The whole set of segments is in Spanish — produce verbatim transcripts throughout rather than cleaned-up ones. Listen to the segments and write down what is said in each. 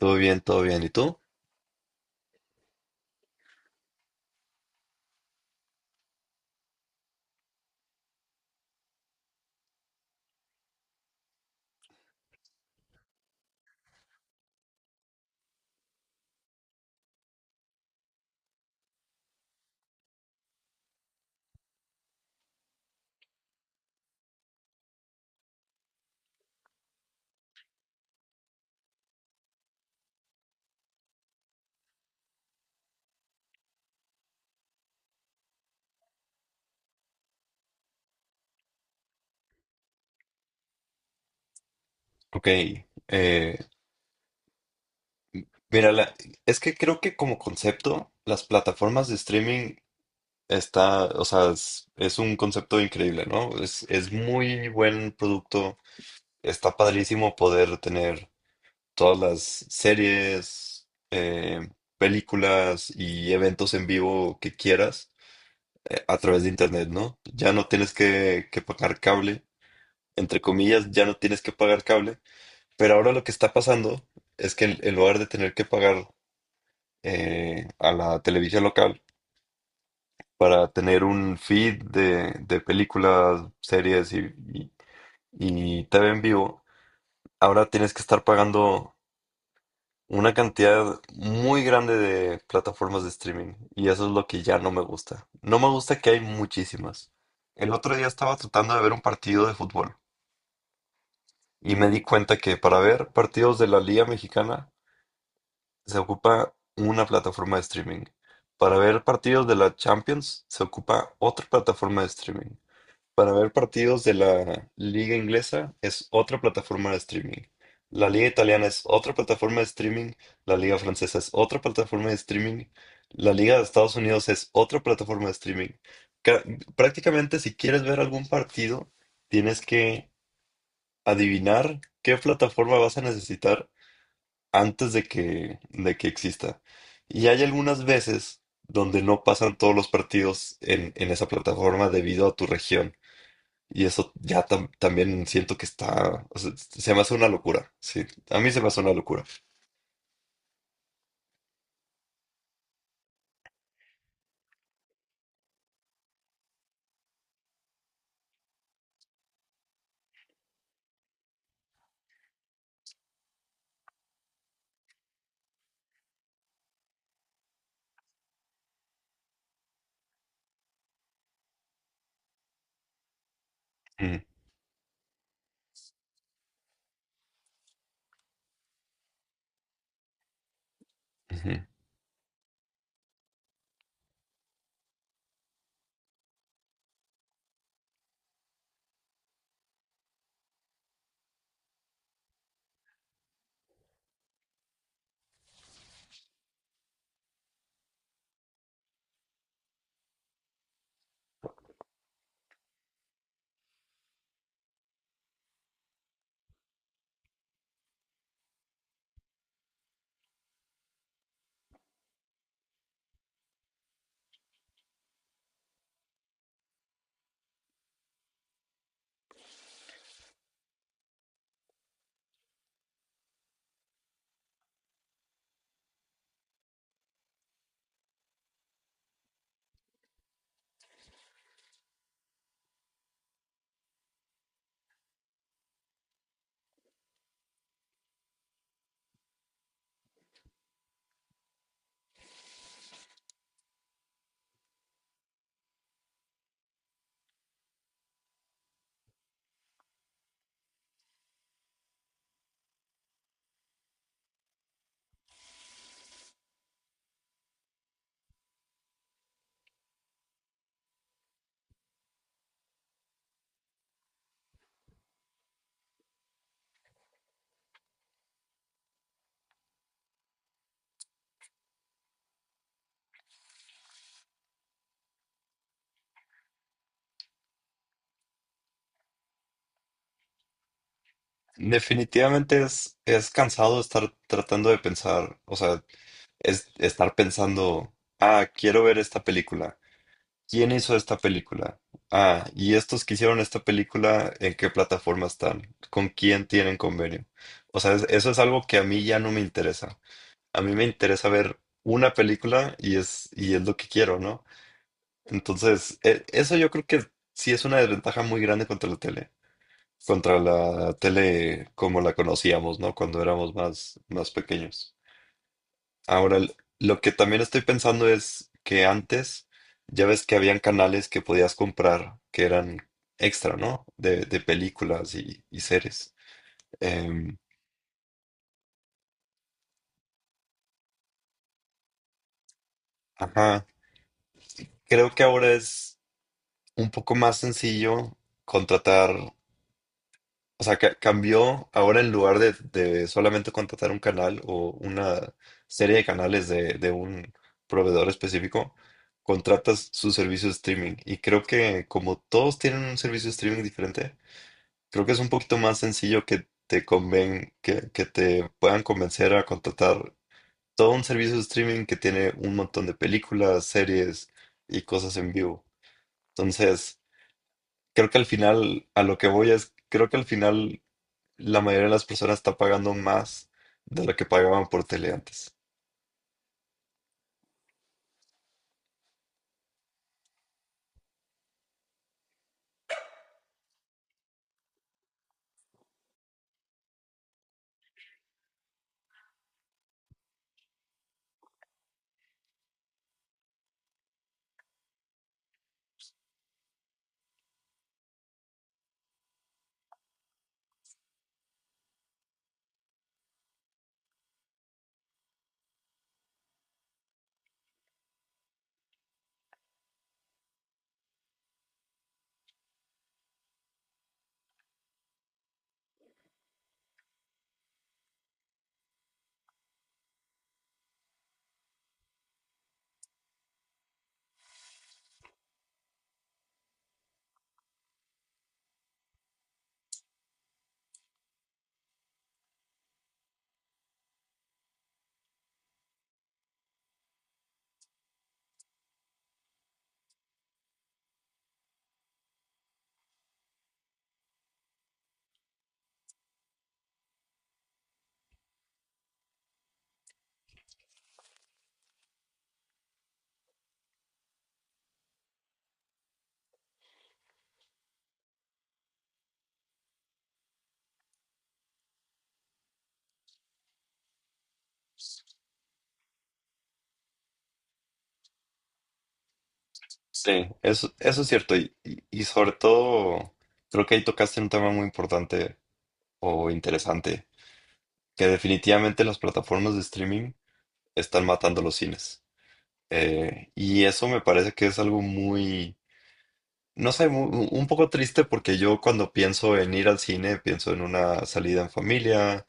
Todo bien, todo bien. ¿Y tú? Ok. eh, mira, la- es que creo que como concepto, las plataformas de streaming está, o sea, es, es un concepto increíble, ¿no? Es, es muy buen producto. Está padrísimo poder tener todas las series, eh, películas y eventos en vivo que quieras eh, a través de internet, ¿no? Ya no tienes que, que pagar cable. Entre comillas, ya no tienes que pagar cable. Pero ahora lo que está pasando es que en, en lugar de tener que pagar eh, a la televisión local para tener un feed de, de películas, series y, y, y T V en vivo, ahora tienes que estar pagando una cantidad muy grande de plataformas de streaming. Y eso es lo que ya no me gusta. No me gusta que hay muchísimas. El otro día estaba tratando de ver un partido de fútbol y me di cuenta que para ver partidos de la Liga Mexicana se ocupa una plataforma de streaming. Para ver partidos de la Champions se ocupa otra plataforma de streaming. Para ver partidos de la liga inglesa es otra plataforma de streaming. La liga italiana es otra plataforma de streaming. La liga francesa es otra plataforma de streaming. La liga de Estados Unidos es otra plataforma de streaming. Ca- Prácticamente si quieres ver algún partido, tienes que adivinar qué plataforma vas a necesitar antes de que, de que exista. Y hay algunas veces donde no pasan todos los partidos en, en esa plataforma debido a tu región. Y eso ya tam- también siento que está, o sea, se me hace una locura. Sí, a mí se me hace una locura. Mm, ujú. Definitivamente es, es cansado estar tratando de pensar, o sea, es estar pensando, ah, quiero ver esta película. ¿Quién hizo esta película? Ah, y estos que hicieron esta película, ¿en qué plataforma están? ¿Con quién tienen convenio? O sea, es- eso es algo que a mí ya no me interesa. A mí me interesa ver una película y es, y es lo que quiero, ¿no? Entonces, e- eso yo creo que sí es una desventaja muy grande contra la tele. Contra la tele como la conocíamos, ¿no? Cuando éramos más, más pequeños. Ahora, l- lo que también estoy pensando es que antes ya ves que habían canales que podías comprar que eran extra, ¿no? De, de películas y, y series. Em, ajá, creo que ahora es un poco más sencillo contratar, o sea, ca- cambió ahora en lugar de, de solamente contratar un canal o una serie de canales de, de un proveedor específico, contratas su servicio de streaming. Y creo que como todos tienen un servicio de streaming diferente, creo que es un poquito más sencillo que te conven, que, que te puedan convencer a contratar todo un servicio de streaming que tiene un montón de películas, series y cosas en vivo. Entonces, creo que al final, a lo que voy es, creo que al final la mayoría de las personas está pagando más de lo que pagaban por tele antes. Sí, Eso, eso es cierto. Y, y- y sobre todo, creo que ahí tocaste un tema muy importante o interesante, que definitivamente las plataformas de streaming están matando los cines. Eh, y eso me parece que es algo muy, no sé, mu- un poco triste porque yo cuando pienso en ir al cine, pienso en una salida en familia,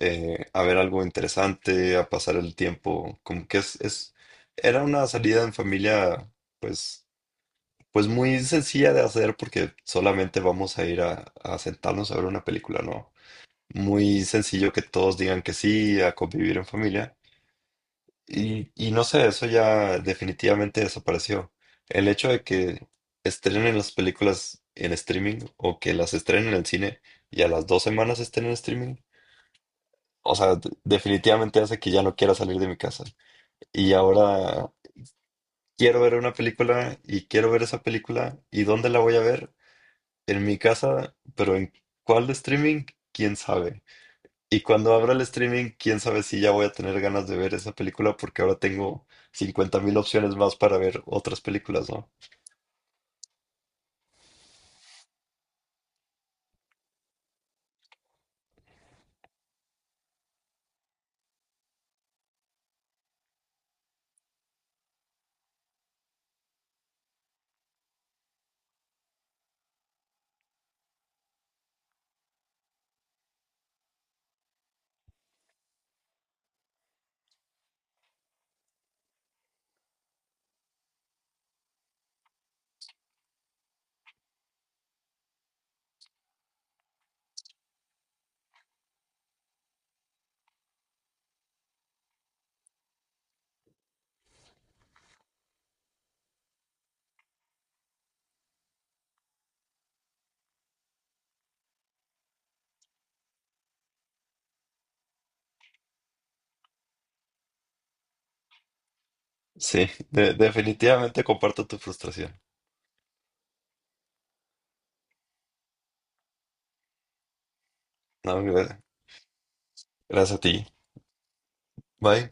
eh, a ver algo interesante, a pasar el tiempo, como que es, es, era una salida en familia, pues, pues muy sencilla de hacer porque solamente vamos a ir a, a sentarnos a ver una película, ¿no? Muy sencillo que todos digan que sí, a convivir en familia. Y, y no sé, eso ya definitivamente desapareció. El hecho de que estrenen las películas en streaming o que las estrenen en el cine y a las dos semanas estén en streaming, o sea, de- definitivamente hace que ya no quiera salir de mi casa. Y ahora quiero ver una película y quiero ver esa película. ¿Y dónde la voy a ver? En mi casa, pero ¿en cuál de streaming? ¿Quién sabe? Y cuando abra el streaming, quién sabe si ya voy a tener ganas de ver esa película porque ahora tengo cincuenta mil opciones más para ver otras películas, ¿no? Sí, de- definitivamente comparto tu frustración. No, gra- gracias a ti. Bye.